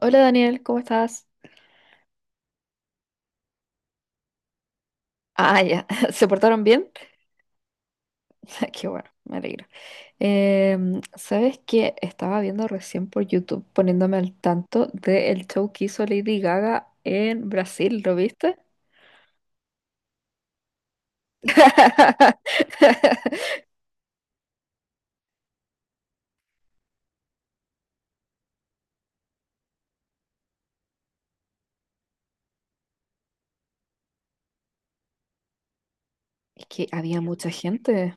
Hola Daniel, ¿cómo estás? Ah, ya, ¿se portaron bien? Qué bueno, me alegro. ¿Sabes qué? Estaba viendo recién por YouTube poniéndome al tanto del show que hizo Lady Gaga en Brasil, ¿lo viste? Es que había mucha gente,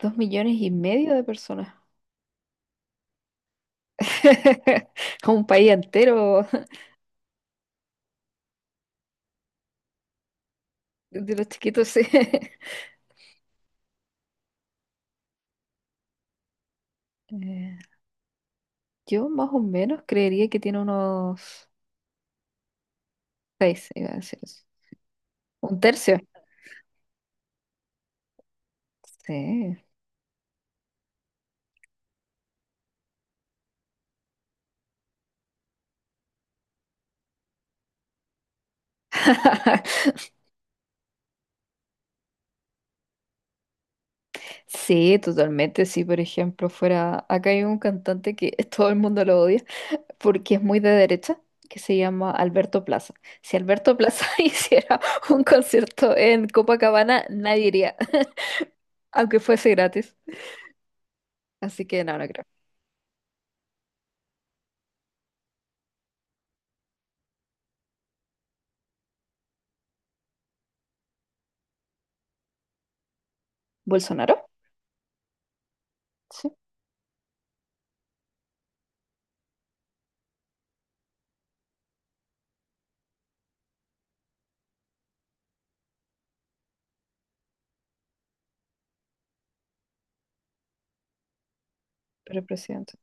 2,5 millones de personas. Un país entero de los chiquitos, sí. Eh, yo más o menos creería que tiene unos seis, iba a decir, eso. Un tercio. Sí. Sí, totalmente. Si, por ejemplo, fuera. Acá hay un cantante que todo el mundo lo odia porque es muy de derecha, que se llama Alberto Plaza. Si Alberto Plaza hiciera un concierto en Copacabana, nadie iría, aunque fuese gratis. Así que no, no creo. ¿Bolsonaro? Sí, pero el presidente.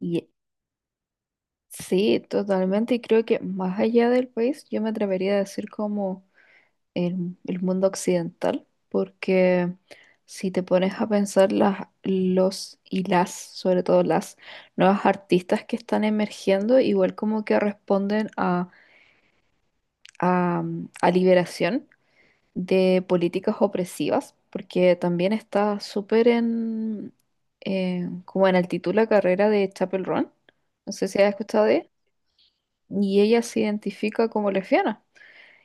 Y sí, totalmente. Y creo que más allá del país, yo me atrevería a decir como el mundo occidental, porque si te pones a pensar las, los y las, sobre todo las nuevas artistas que están emergiendo, igual como que responden a liberación de políticas opresivas, porque también está súper en, como en altitud la carrera de Chapel Roan, no sé si has escuchado de ella, y ella se identifica como lesbiana.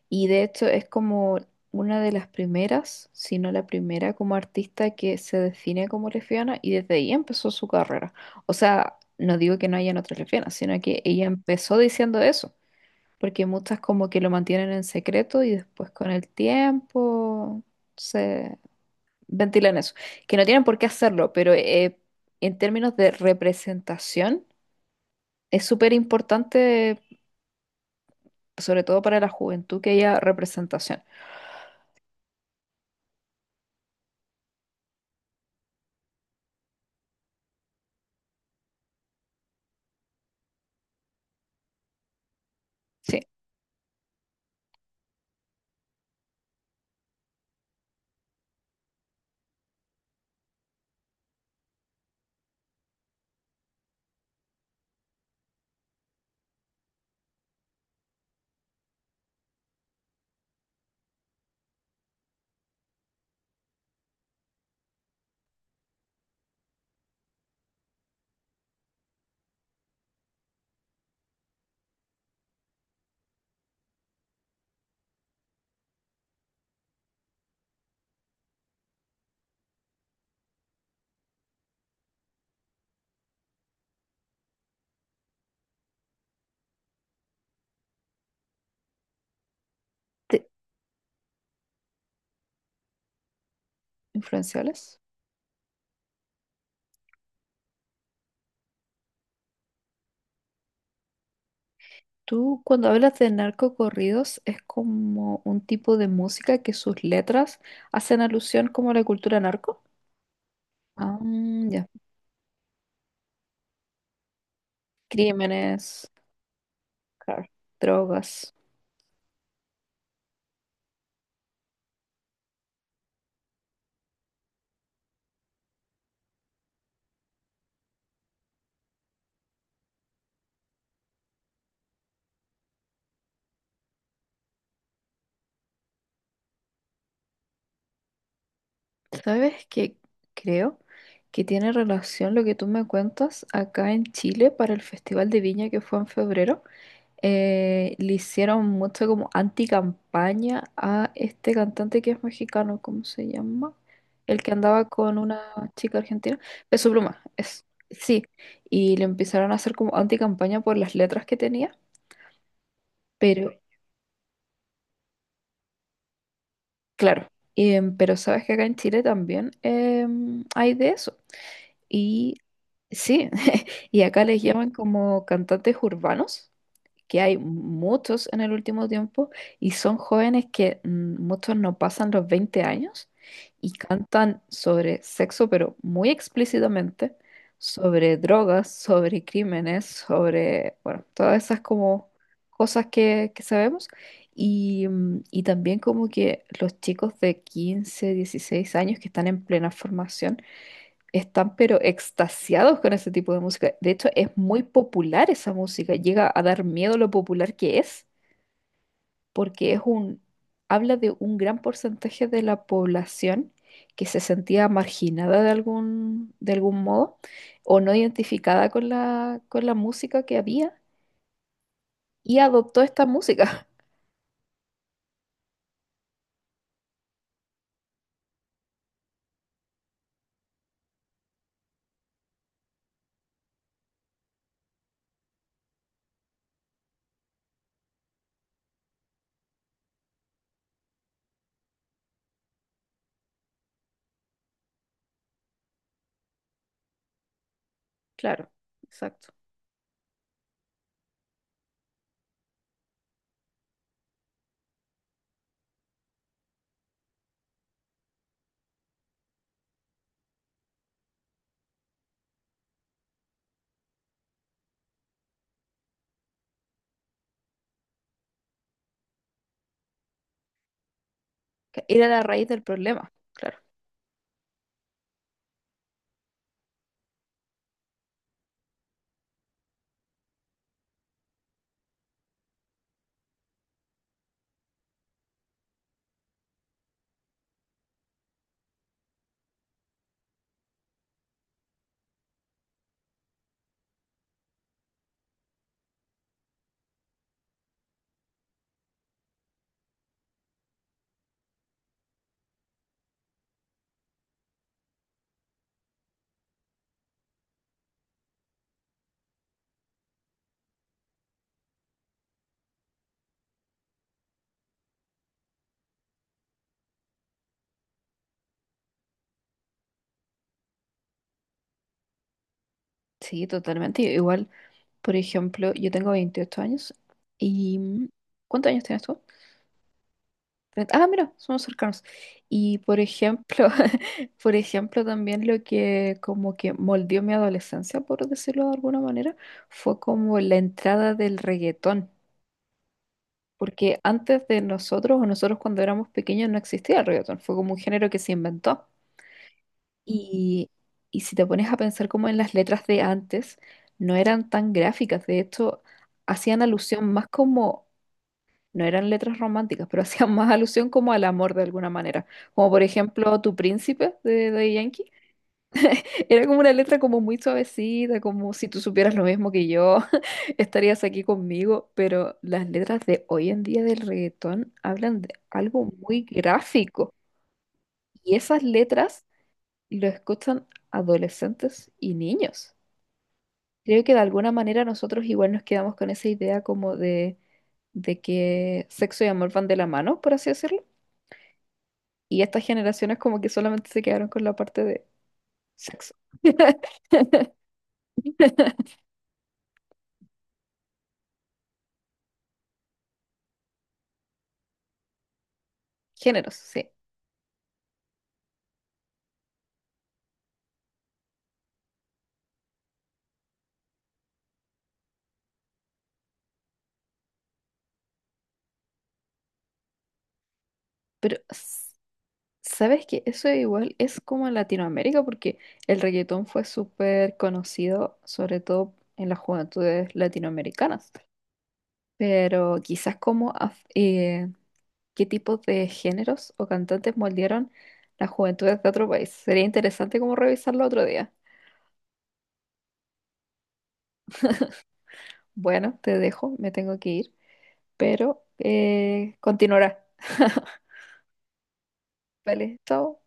Y de hecho es como una de las primeras, si no la primera como artista que se define como lesbiana y desde ahí empezó su carrera. O sea, no digo que no hayan otras lesbianas, sino que ella empezó diciendo eso, porque muchas como que lo mantienen en secreto y después con el tiempo se ventilan eso, que no tienen por qué hacerlo, pero en términos de representación es súper importante, sobre todo para la juventud, que haya representación. Sí. Influenciales. Tú cuando hablas de narcocorridos es como un tipo de música que sus letras hacen alusión como a la cultura narco. Ah, ya. Crímenes, claro, drogas. ¿Sabes qué? Creo que tiene relación lo que tú me cuentas. Acá en Chile, para el Festival de Viña, que fue en febrero, le hicieron mucho como anticampaña a este cantante que es mexicano, ¿cómo se llama? El que andaba con una chica argentina, Peso Pluma, es, sí, y le empezaron a hacer como anticampaña por las letras que tenía, pero claro. Pero sabes que acá en Chile también, hay de eso, y sí, y acá les llaman como cantantes urbanos, que hay muchos en el último tiempo y son jóvenes que, muchos no pasan los 20 años, y cantan sobre sexo, pero muy explícitamente, sobre drogas, sobre crímenes, sobre, bueno, todas esas como cosas que sabemos. Y, y también como que los chicos de 15, 16 años, que están en plena formación, están pero extasiados con ese tipo de música. De hecho, es muy popular esa música. Llega a dar miedo lo popular que es, porque es un, habla de un gran porcentaje de la población que se sentía marginada de algún modo, o no identificada con la música que había, y adoptó esta música. Claro, exacto. Era la raíz del problema, claro. Sí, totalmente. Igual, por ejemplo, yo tengo 28 años y¿cuántos años tienes tú? 30. Ah, mira, somos cercanos. Y por ejemplo, por ejemplo, también lo que como que moldeó mi adolescencia, por decirlo de alguna manera, fue como la entrada del reggaetón. Porque antes de nosotros, o nosotros cuando éramos pequeños, no existía el reggaetón, fue como un género que se inventó. Y, y si te pones a pensar como en las letras de antes, no eran tan gráficas. De hecho, hacían alusión más como, no eran letras románticas, pero hacían más alusión como al amor de alguna manera. Como por ejemplo, Tu Príncipe, de, Yankee, era como una letra como muy suavecita, como si tú supieras lo mismo que yo, estarías aquí conmigo. Pero las letras de hoy en día del reggaetón hablan de algo muy gráfico. Y esas letras lo escuchan adolescentes y niños. Creo que de alguna manera nosotros igual nos quedamos con esa idea como de que sexo y amor van de la mano, por así decirlo. Y estas generaciones como que solamente se quedaron con la parte de sexo. Géneros, sí. Pero, ¿sabes qué? Eso igual es como en Latinoamérica, porque el reggaetón fue súper conocido, sobre todo en las juventudes latinoamericanas. Pero quizás como qué tipos de géneros o cantantes moldearon las juventudes de otro país. Sería interesante como revisarlo otro día. Bueno, te dejo, me tengo que ir, pero continuará. Vale, chao.